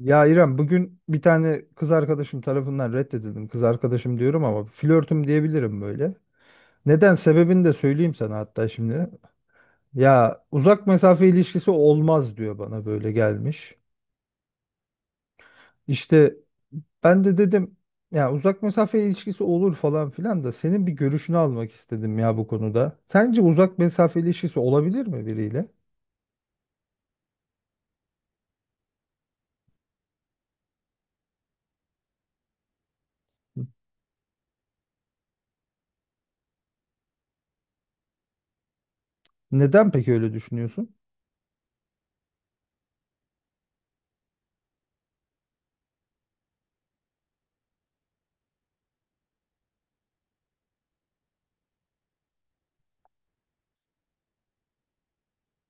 Ya İrem bugün bir tane kız arkadaşım tarafından reddedildim. Kız arkadaşım diyorum ama flörtüm diyebilirim böyle. Neden sebebini de söyleyeyim sana hatta şimdi. Ya uzak mesafe ilişkisi olmaz diyor bana böyle gelmiş. İşte ben de dedim ya uzak mesafe ilişkisi olur falan filan da senin bir görüşünü almak istedim ya bu konuda. Sence uzak mesafe ilişkisi olabilir mi biriyle? Neden peki öyle düşünüyorsun?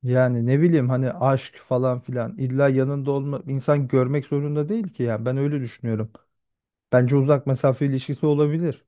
Yani ne bileyim hani aşk falan filan illa yanında olma, insan görmek zorunda değil ki, yani ben öyle düşünüyorum. Bence uzak mesafe ilişkisi olabilir.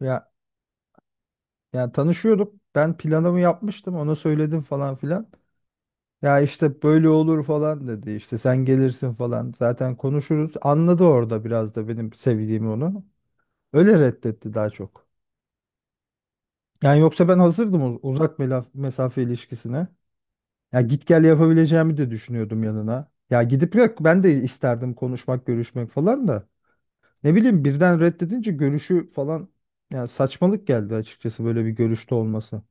Ya yani tanışıyorduk. Ben planımı yapmıştım. Ona söyledim falan filan. Ya işte böyle olur falan dedi. İşte sen gelirsin falan. Zaten konuşuruz. Anladı orada biraz da benim sevdiğimi onu. Öyle reddetti daha çok. Yani yoksa ben hazırdım uzak mesafe ilişkisine. Ya git gel yapabileceğimi de düşünüyordum yanına. Ya gidip, yok ben de isterdim konuşmak, görüşmek falan da. Ne bileyim, birden reddedince görüşü falan, ya saçmalık geldi açıkçası böyle bir görüşte olması.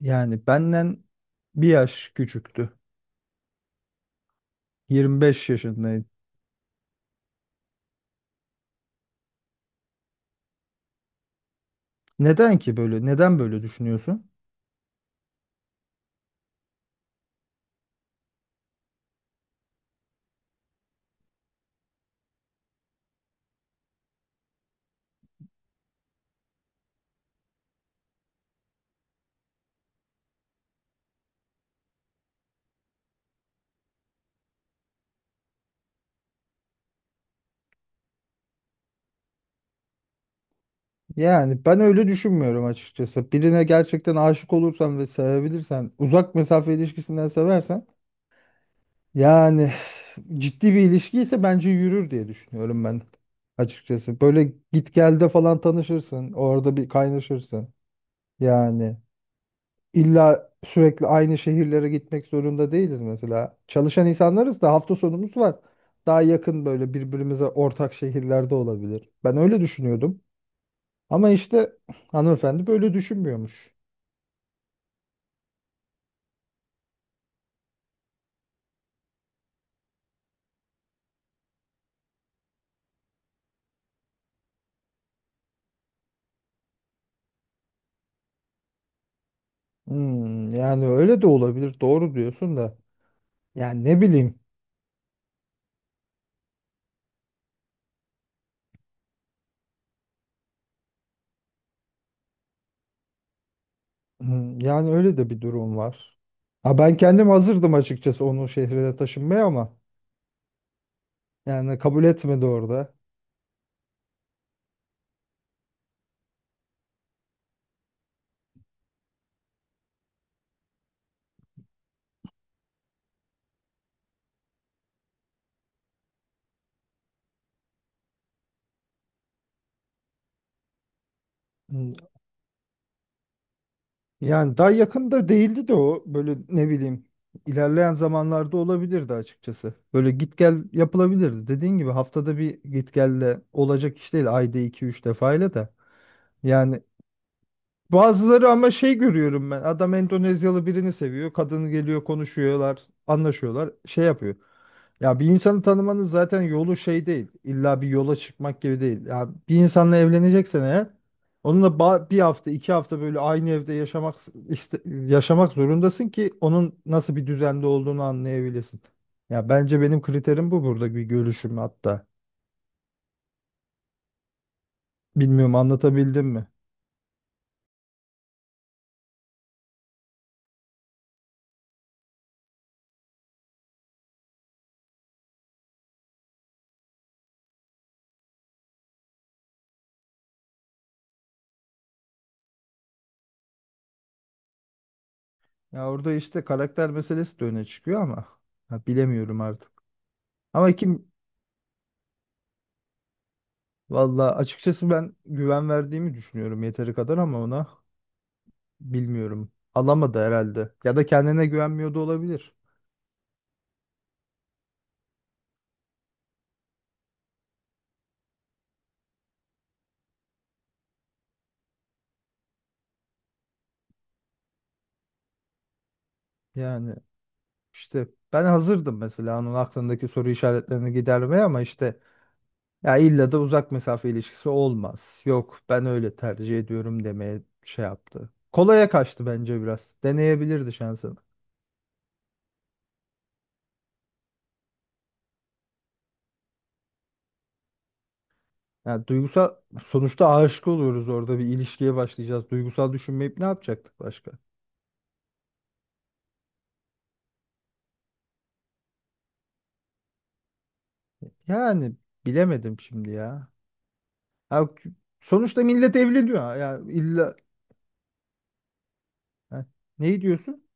Yani benden bir yaş küçüktü. 25 yaşındaydı. Neden ki böyle? Neden böyle düşünüyorsun? Yani ben öyle düşünmüyorum açıkçası. Birine gerçekten aşık olursan ve sevebilirsen, uzak mesafe ilişkisinden seversen, yani ciddi bir ilişkiyse bence yürür diye düşünüyorum ben açıkçası. Böyle git gelde falan tanışırsın. Orada bir kaynaşırsın. Yani illa sürekli aynı şehirlere gitmek zorunda değiliz mesela. Çalışan insanlarız da, hafta sonumuz var. Daha yakın böyle birbirimize ortak şehirlerde olabilir. Ben öyle düşünüyordum. Ama işte hanımefendi böyle düşünmüyormuş. Hmm, yani öyle de olabilir. Doğru diyorsun da. Yani ne bileyim. Hmm, yani öyle de bir durum var. Ha, ben kendim hazırdım açıkçası onun şehrine taşınmaya ama yani kabul etmedi orada. Hmm, yani daha yakında değildi de, o böyle ne bileyim, ilerleyen zamanlarda olabilirdi açıkçası. Böyle git gel yapılabilirdi. Dediğin gibi haftada bir git gelle olacak iş değil, ayda iki üç defayla da. Yani bazıları, ama şey görüyorum ben. Adam Endonezyalı birini seviyor. Kadın geliyor, konuşuyorlar, anlaşıyorlar, şey yapıyor. Ya bir insanı tanımanın zaten yolu şey değil. İlla bir yola çıkmak gibi değil. Ya bir insanla evleneceksen eğer, onunla bir hafta, iki hafta böyle aynı evde yaşamak, yaşamak zorundasın ki onun nasıl bir düzende olduğunu anlayabilesin. Ya bence benim kriterim bu, burada bir görüşüm hatta. Bilmiyorum, anlatabildim mi? Ya orada işte karakter meselesi de öne çıkıyor ama ha, bilemiyorum artık. Ama kim, valla açıkçası ben güven verdiğimi düşünüyorum yeteri kadar ama ona, bilmiyorum. Alamadı herhalde. Ya da kendine güvenmiyordu, olabilir. Yani işte ben hazırdım mesela onun aklındaki soru işaretlerini gidermeye ama işte, ya illa da uzak mesafe ilişkisi olmaz, yok ben öyle tercih ediyorum demeye şey yaptı. Kolaya kaçtı bence biraz. Deneyebilirdi şansını. Yani duygusal, sonuçta aşık oluyoruz, orada bir ilişkiye başlayacağız. Duygusal düşünmeyip ne yapacaktık başka? Yani bilemedim şimdi ya. Ya sonuçta millet evleniyor. Ya illa, ha, neyi diyorsun?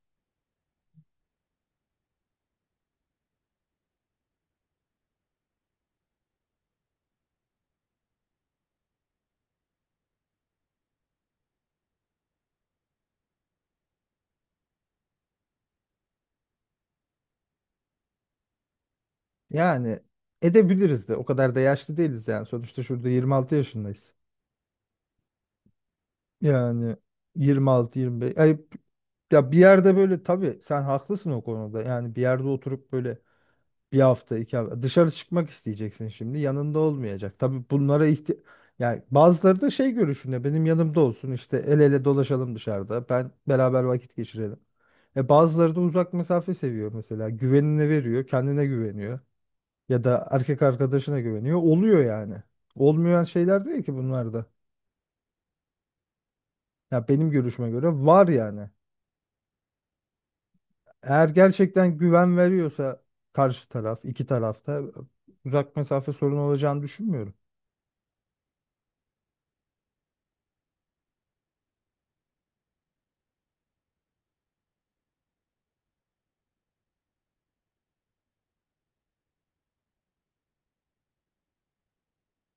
Yani edebiliriz de, o kadar da yaşlı değiliz yani. Sonuçta şurada 26 yaşındayız. Yani 26 25 ay, ya bir yerde böyle tabii sen haklısın o konuda. Yani bir yerde oturup böyle, bir hafta, iki hafta. Dışarı çıkmak isteyeceksin şimdi. Yanında olmayacak. Tabii bunlara ihti, yani bazıları da şey görüşünde, benim yanımda olsun işte, el ele dolaşalım dışarıda. Ben beraber vakit geçirelim. E bazıları da uzak mesafe seviyor mesela. Güvenine veriyor, kendine güveniyor, ya da erkek arkadaşına güveniyor. Oluyor yani. Olmayan şeyler değil ki bunlar da. Ya benim görüşüme göre var yani. Eğer gerçekten güven veriyorsa karşı taraf, iki tarafta uzak mesafe sorunu olacağını düşünmüyorum.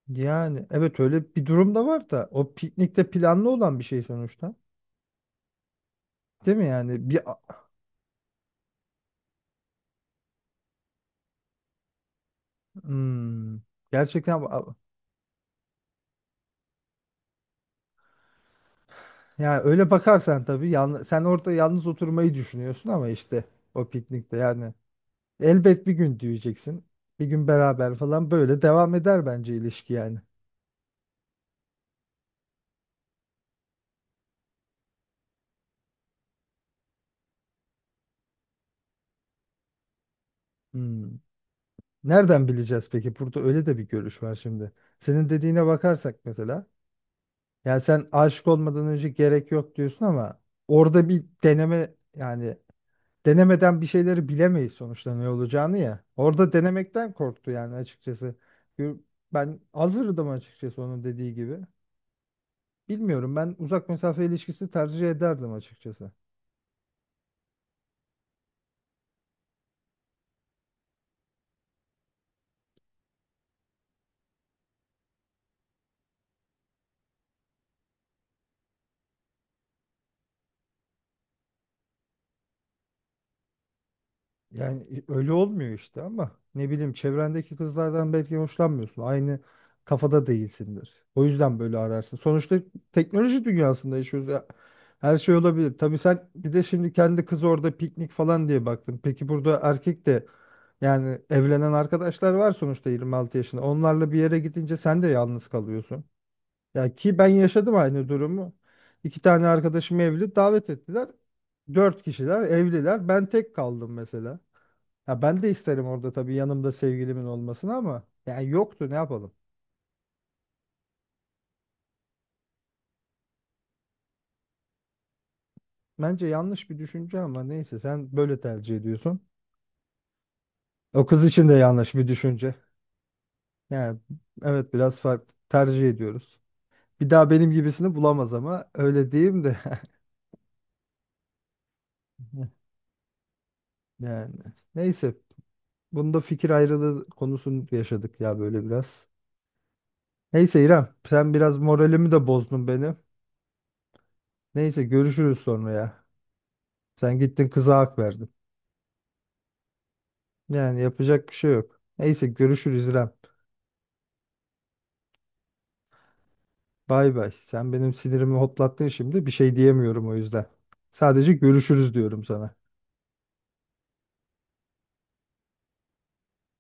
Yani evet, öyle bir durum da var da, o piknikte planlı olan bir şey sonuçta. Değil mi yani? Bir, hmm, gerçekten yani öyle bakarsan tabii yalnız, sen orada yalnız oturmayı düşünüyorsun ama işte o piknikte, yani elbet bir gün diyeceksin. Bir gün beraber falan, böyle devam eder bence ilişki yani. Hmm. Nereden bileceğiz peki? Burada öyle de bir görüş var şimdi. Senin dediğine bakarsak mesela, yani sen aşık olmadan önce gerek yok diyorsun ama orada bir deneme, yani denemeden bir şeyleri bilemeyiz sonuçta ne olacağını ya. Orada denemekten korktu yani açıkçası. Gö- Ben hazırdım açıkçası, onun dediği gibi. Bilmiyorum, ben uzak mesafe ilişkisi tercih ederdim açıkçası. Yani öyle olmuyor işte, ama ne bileyim, çevrendeki kızlardan belki hoşlanmıyorsun. Aynı kafada değilsindir. O yüzden böyle ararsın. Sonuçta teknoloji dünyasında yaşıyoruz ya. Her şey olabilir. Tabii sen bir de şimdi kendi kız orada piknik falan diye baktın. Peki burada erkek de, yani evlenen arkadaşlar var sonuçta 26 yaşında. Onlarla bir yere gidince sen de yalnız kalıyorsun. Ya ki ben yaşadım aynı durumu. İki tane arkadaşım evli, davet ettiler. Dört kişiler evliler. Ben tek kaldım mesela. Ya ben de isterim orada tabii yanımda sevgilimin olmasını, ama yani yoktu, ne yapalım. Bence yanlış bir düşünce ama neyse, sen böyle tercih ediyorsun. O kız için de yanlış bir düşünce. Yani evet, biraz farklı tercih ediyoruz. Bir daha benim gibisini bulamaz ama öyle diyeyim de. Yani neyse, bunda fikir ayrılığı konusunu yaşadık ya böyle biraz. Neyse İrem, sen biraz moralimi de bozdun benim. Neyse görüşürüz sonra ya. Sen gittin kıza hak verdin. Yani yapacak bir şey yok. Neyse görüşürüz İrem. Bay bay. Sen benim sinirimi hoplattın şimdi. Bir şey diyemiyorum o yüzden. Sadece görüşürüz diyorum sana.